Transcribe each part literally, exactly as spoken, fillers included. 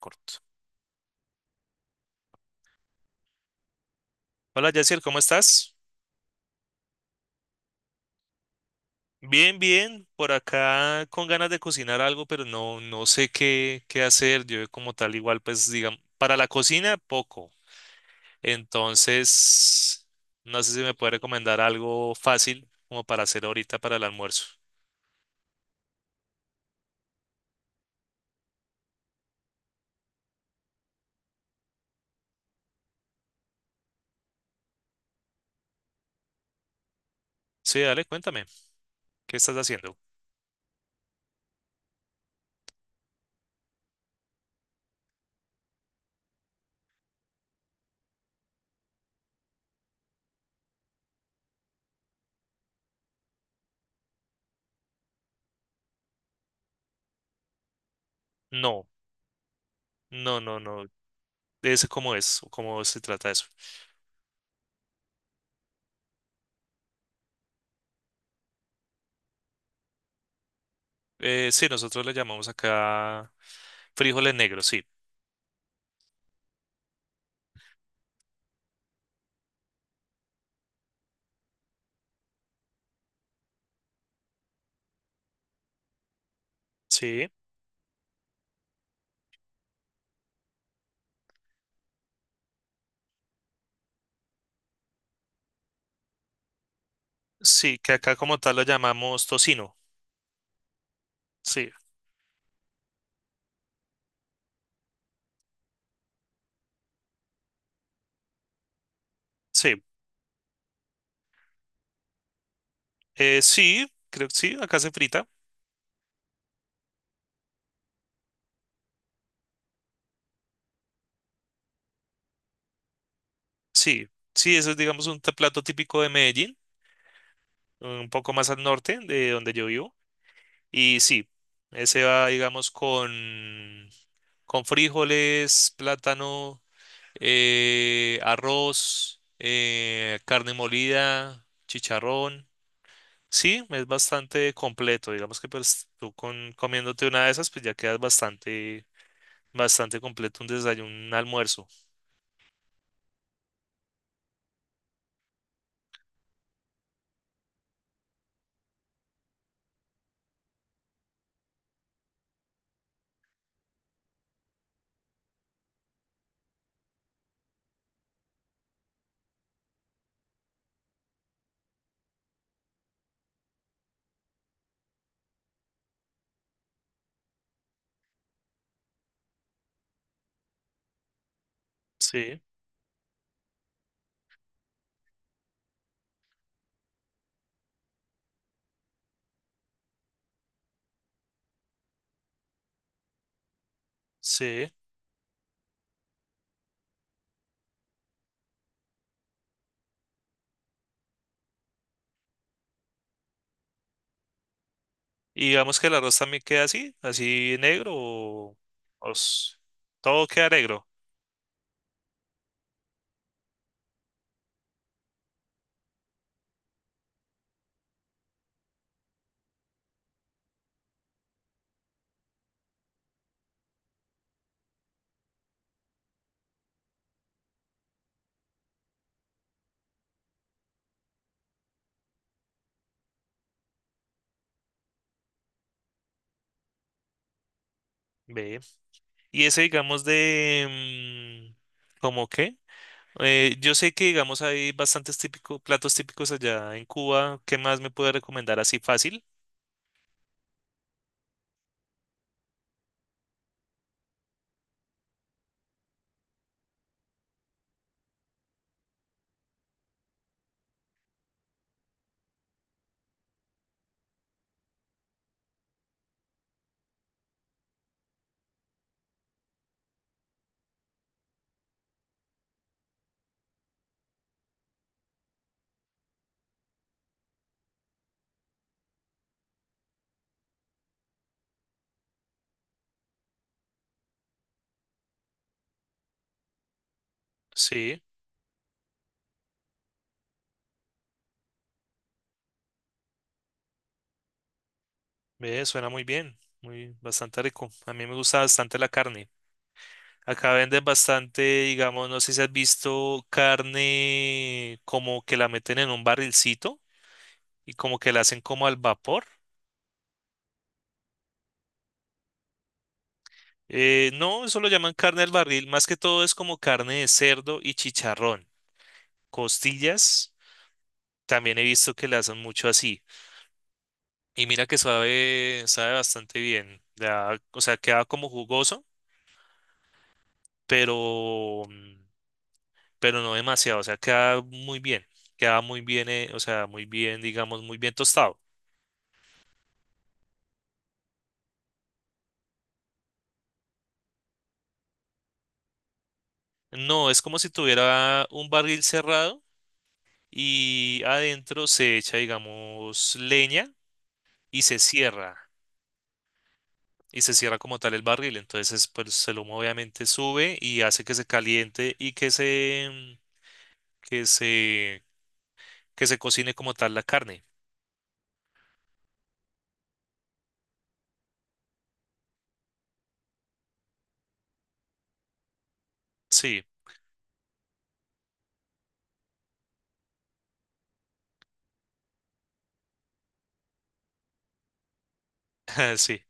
Corto. Hola, Yacier, ¿cómo estás? Bien, bien, por acá con ganas de cocinar algo, pero no, no sé qué, qué hacer. Yo como tal igual, pues digamos, para la cocina poco. Entonces, no sé si me puede recomendar algo fácil como para hacer ahorita para el almuerzo. Sí, dale, cuéntame, ¿qué estás haciendo? No, no, no, no. ¿Es cómo es? ¿Cómo se trata eso? Eh, sí, nosotros le llamamos acá frijoles negros, sí. Sí, sí, que acá como tal lo llamamos tocino. Sí, sí. Eh, sí, creo que sí, acá se frita. Sí, sí, eso es, digamos, un t- plato típico de Medellín, un poco más al norte de donde yo vivo. Y sí, ese va, digamos, con, con frijoles, plátano, eh, arroz, eh, carne molida, chicharrón. Sí, es bastante completo. Digamos que pues tú con, comiéndote una de esas, pues ya quedas bastante, bastante completo un desayuno, un almuerzo. Sí, sí. Y digamos que el arroz también queda así, así negro o, o s- todo queda negro. Ve. Y ese, digamos, de... mm, ¿cómo qué? Eh, yo sé que, digamos, hay bastantes típicos, platos típicos allá en Cuba. ¿Qué más me puede recomendar así fácil? Sí, ve, suena muy bien, muy bastante rico. A mí me gusta bastante la carne. Acá venden bastante, digamos, no sé si has visto carne como que la meten en un barrilcito y como que la hacen como al vapor. Eh, no, eso lo llaman carne al barril. Más que todo es como carne de cerdo y chicharrón. Costillas, también he visto que le hacen mucho así. Y mira que sabe, sabe bastante bien. Da, o sea, queda como jugoso, pero, mm, pero no demasiado. O sea, queda muy bien. Queda muy bien, eh, o sea, muy bien, digamos, muy bien tostado. No, es como si tuviera un barril cerrado y adentro se echa, digamos, leña y se cierra. Y se cierra como tal el barril. Entonces, pues el humo obviamente sube y hace que se caliente y que se, que se, que se cocine como tal la carne. Sí, sí.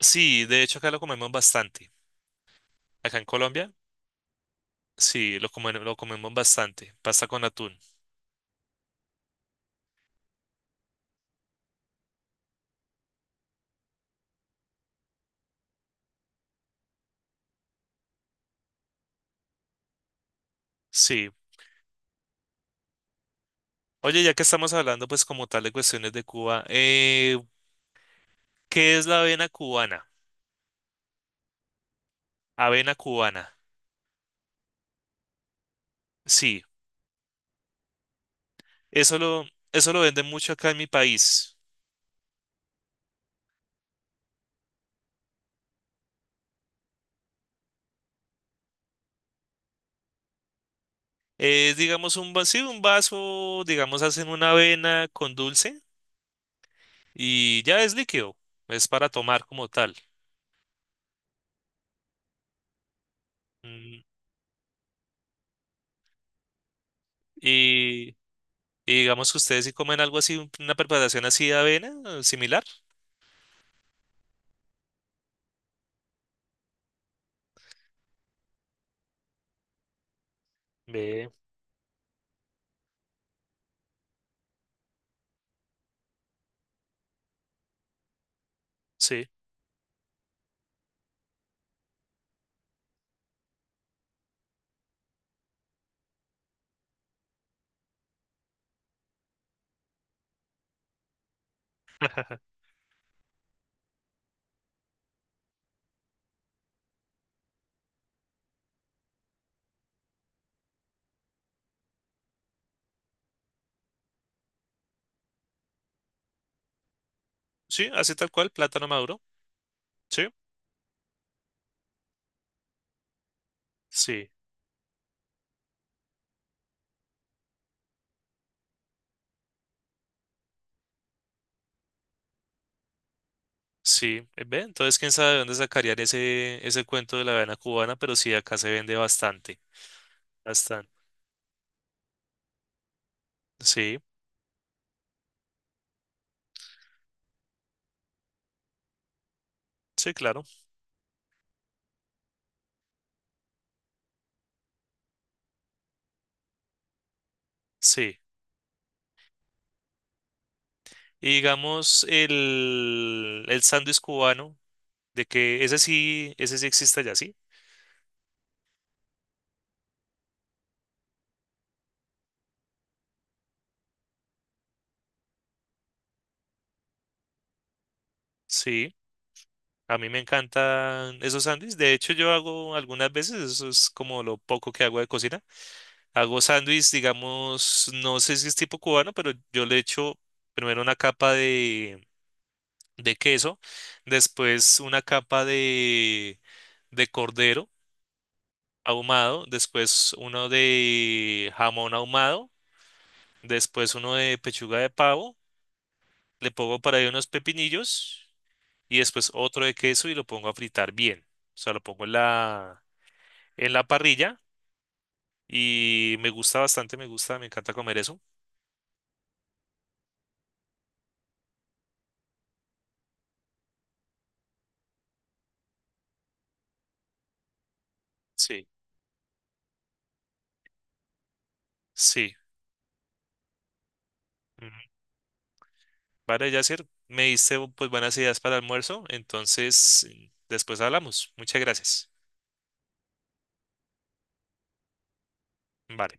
Sí, de hecho acá lo comemos bastante. Acá en Colombia, sí, lo come- lo comemos bastante. Pasta con atún. Sí. Oye, ya que estamos hablando pues como tal de cuestiones de Cuba, eh, ¿qué es la avena cubana? Avena cubana. Sí, eso lo, eso lo venden mucho acá en mi país. Es, digamos, un vacío, un vaso, digamos, hacen una avena con dulce y ya es líquido, es para tomar como tal. Mm, Y, y digamos que ustedes si comen algo así, un- una preparación así de avena, eh, similar. Ve, sí, sí, así tal cual, plátano maduro, sí, sí, sí, eh, ve. Entonces, quién sabe de dónde sacarían ese, ese cuento de la avena cubana, pero sí, acá se vende bastante, bastante. Sí, sí, claro, sí. Y digamos, el, el sándwich cubano. De que ese sí, ese sí existe allá, ¿sí? Sí, a mí me encantan esos sándwiches. De hecho, yo hago algunas veces, eso es como lo poco que hago de cocina. Hago sándwiches, digamos, no sé si es tipo cubano, pero yo le echo primero una capa de, de queso, después una capa de, de cordero ahumado, después uno de jamón ahumado, después uno de pechuga de pavo, le pongo por ahí unos pepinillos. Y después otro de queso y lo pongo a fritar bien. O sea, lo pongo en la, en la parrilla y me gusta bastante, me gusta, me encanta comer eso. Sí. Sí. Ujú. Vale, Yasser, me diste pues buenas ideas para el almuerzo, entonces después hablamos. Muchas gracias. Vale.